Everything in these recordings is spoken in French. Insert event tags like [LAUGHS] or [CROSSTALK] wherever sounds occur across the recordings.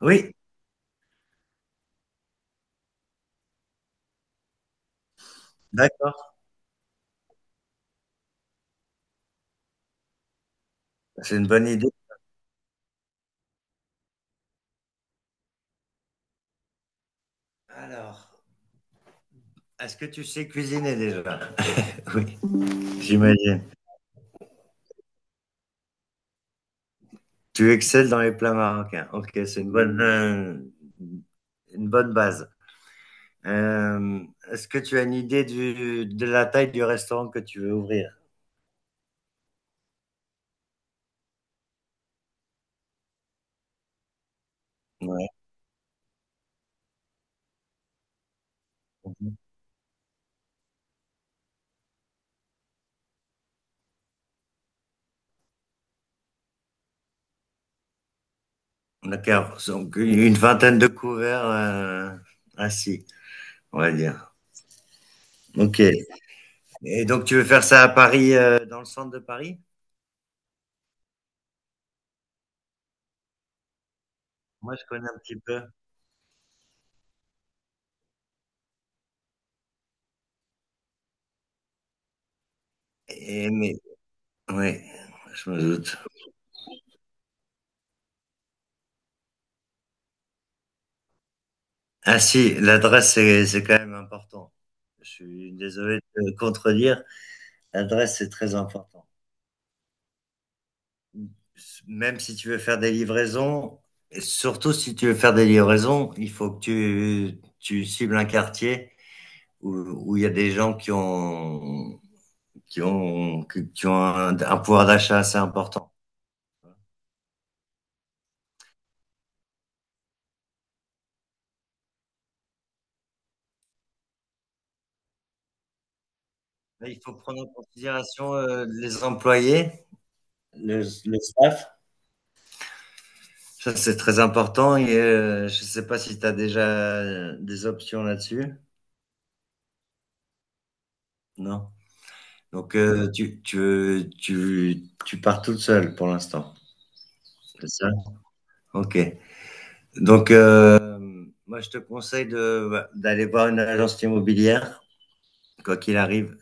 Oui, d'accord, c'est une bonne idée. Alors, est-ce que tu sais cuisiner déjà? [LAUGHS] Oui, j'imagine. Tu excelles dans les plats marocains. Ok, c'est une bonne base. Euh, est-ce que tu as une idée du, de la taille du restaurant que tu veux ouvrir? Ouais. D'accord, donc une vingtaine de couverts assis, on va dire. Ok. Et donc tu veux faire ça à Paris, dans le centre de Paris? Moi, je connais un petit peu. Et, mais, oui, je me doute. Ah si, l'adresse, c'est quand même important. Je suis désolé de te contredire, l'adresse, c'est très important. Même si tu veux faire des livraisons, et surtout si tu veux faire des livraisons, il faut que tu cibles un quartier où, où il y a des gens qui ont, qui ont, qui ont un pouvoir d'achat assez important. Mais il faut prendre en considération les employés, le, le staff. Ça, c'est très important et je sais pas si tu as déjà des options là-dessus. Non. Donc, tu pars toute seule pour l'instant. C'est ça? OK. Donc, moi, je te conseille de, bah, d'aller voir une agence immobilière, quoi qu'il arrive,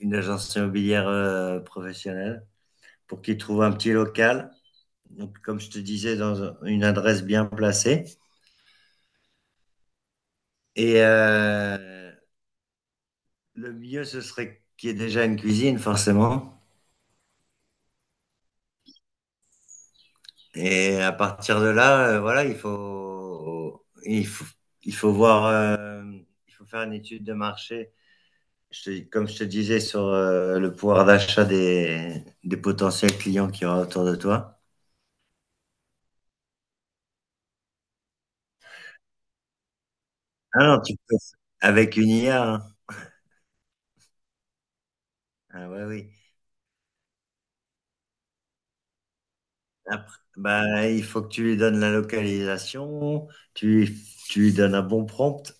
une agence immobilière professionnelle, pour qu'ils trouvent un petit local. Donc, comme je te disais, dans une adresse bien placée. Et, le mieux, ce serait qu'il y ait déjà une cuisine, forcément. Et à partir de là, voilà, il faut voir, il faut faire une étude de marché. Comme je te disais sur le pouvoir d'achat des potentiels clients qu'il y aura autour de toi. Ah non, tu peux, avec une IA, hein. Ah ouais, oui. Après, bah, il faut que tu lui donnes la localisation, tu lui donnes un bon prompt.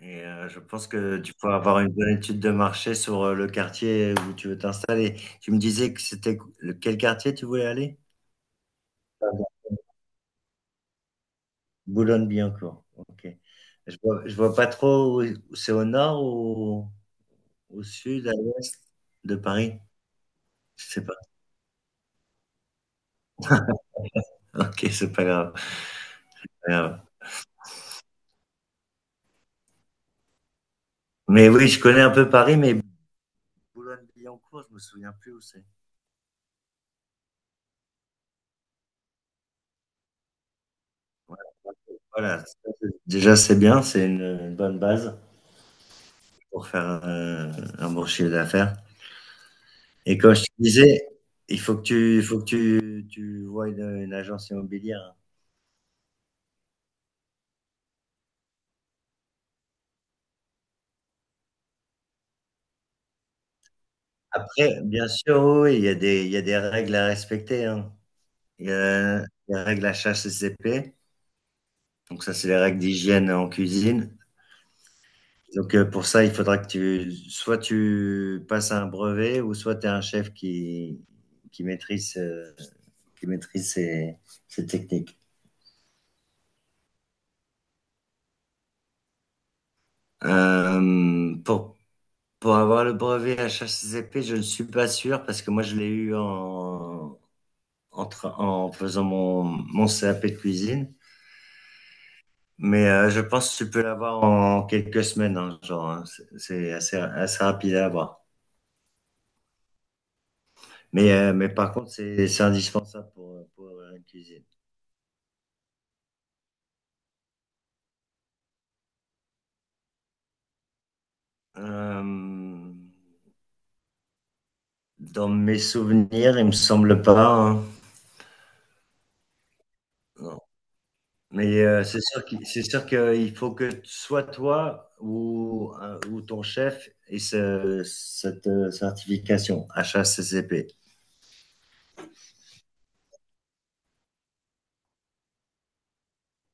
Et je pense que tu peux avoir une bonne étude de marché sur le quartier où tu veux t'installer. Tu me disais que c'était quel quartier tu voulais aller? Pardon. Boulogne-Billancourt. Ok. Je vois pas trop où, où c'est au nord ou au sud, à l'ouest de Paris. Je sais pas. [LAUGHS] Ok, c'est pas grave. Pas grave. Mais oui, je connais un peu Paris, mais Boulogne-Billancourt, je me souviens plus où c'est. Voilà. Voilà. Ça, déjà, c'est bien, c'est une bonne base pour faire un bon chiffre d'affaires. Et comme je te disais, il faut que tu voies une agence immobilière, hein. Après, bien sûr, oui, oui, il y a des règles à respecter, hein. Il y a les règles HACCP, donc ça, c'est les règles d'hygiène en cuisine. Donc pour ça, il faudra que tu soit tu passes un brevet ou soit tu as un chef qui maîtrise, qui maîtrise ces techniques. Hem, pour avoir le brevet HACCP, je ne suis pas sûr parce que moi je l'ai eu en faisant mon CAP de cuisine. Mais je pense que tu peux l'avoir en quelques semaines, hein, genre, hein. C'est c'est assez, assez rapide à avoir. Mais par contre, c'est indispensable pour avoir une cuisine. Euh, dans mes souvenirs, il me semble pas. Hein. Mais c'est sûr c'est sûr qu'il faut que soit toi ou ton chef ait cette certification HACCP.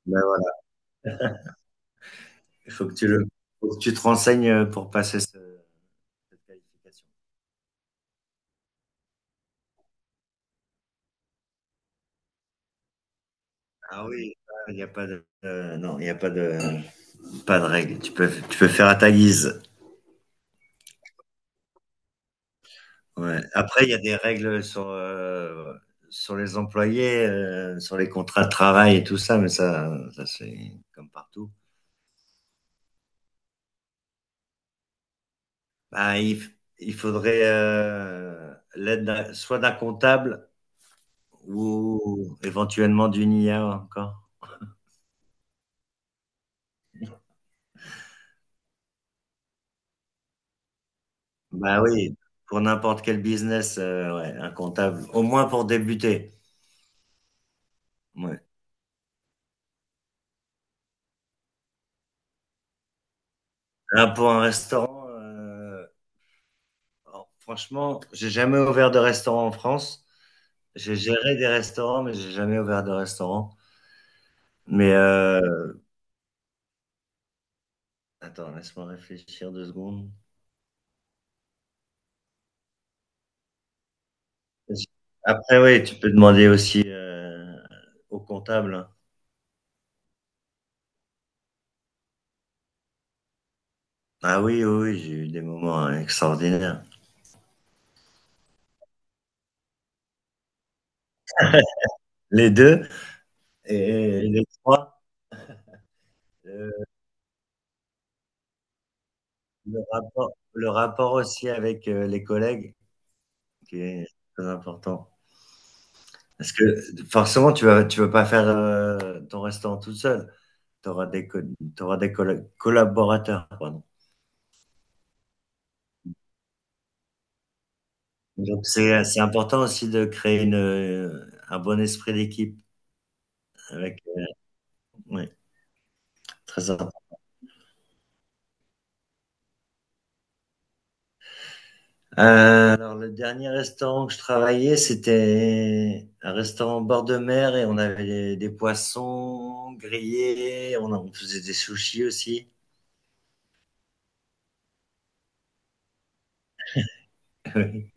Ben ouais, Il faut que tu le, faut que tu te renseignes pour passer cette qualification. Ah oui, il n'y a pas de, non, il n'y a pas de, pas de règles. Tu peux faire à ta guise. Ouais. Après, il y a des règles sur, sur les employés, sur les contrats de travail et tout ça, mais ça c'est comme partout. Ben, il, f- il faudrait l'aide soit d'un comptable ou éventuellement d'une IA encore. Bah oui, pour n'importe quel business, ouais, un comptable, au moins pour débuter. Ouais. Là, pour un restaurant, alors, franchement, j'ai jamais ouvert de restaurant en France. J'ai géré des restaurants, mais j'ai jamais ouvert de restaurant. Mais attends, laisse-moi réfléchir 2 secondes. Après, oui, tu peux demander aussi au comptable, hein. Ah oui, oui, oui, j'ai eu des moments extraordinaires. Les deux et les trois. euh, le rapport aussi avec les collègues qui est très important. Parce que forcément, tu vas pas faire ton restaurant tout seul. Tu auras des, co- t'auras des collaborateurs, pardon. Donc c'est important aussi de créer une, un bon esprit d'équipe avec. Oui, très important. Alors, le dernier restaurant que je travaillais, c'était un restaurant au bord de mer et on avait des poissons grillés, on faisait des sushis aussi. [LAUGHS] Oui.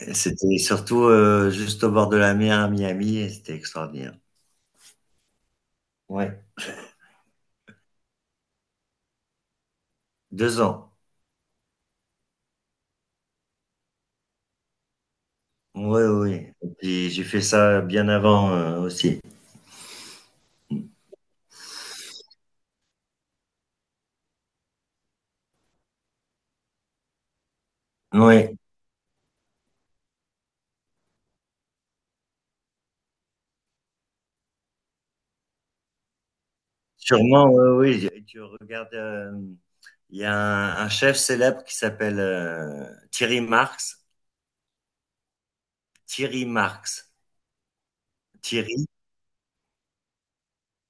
Et c'était surtout juste au bord de la mer à Miami et c'était extraordinaire. Ouais, 2 ans. Oui, oui. Et puis j'ai fait ça bien avant aussi. Oui, sûrement, oui, oui. Et tu regardes, il y a un chef célèbre qui s'appelle Thierry Marx. Thierry Marx. Thierry,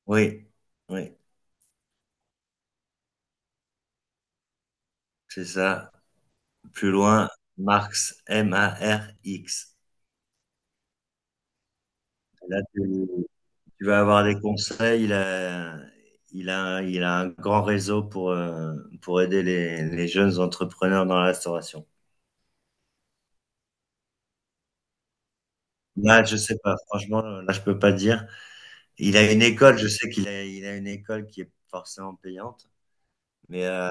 oui, oui, c'est ça. Plus loin, Marx, Marx. Là, tu vas avoir des conseils. Il a un grand réseau pour aider les jeunes entrepreneurs dans la restauration. Là, je sais pas. Franchement, là, je peux pas dire. Il a une école. Je sais il a une école qui est forcément payante, mais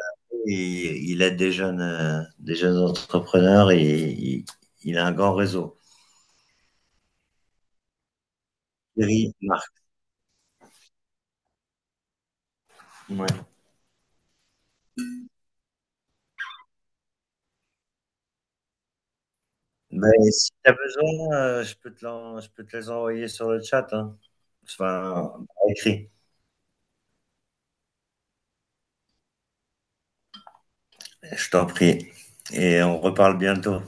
il, il aide des jeunes entrepreneurs et il a un grand réseau. Thierry, Marx. Ouais. Ben, si tu as besoin, je peux je peux te les envoyer sur le chat, hein. Enfin, par écrit, je t'en prie. Et on reparle bientôt.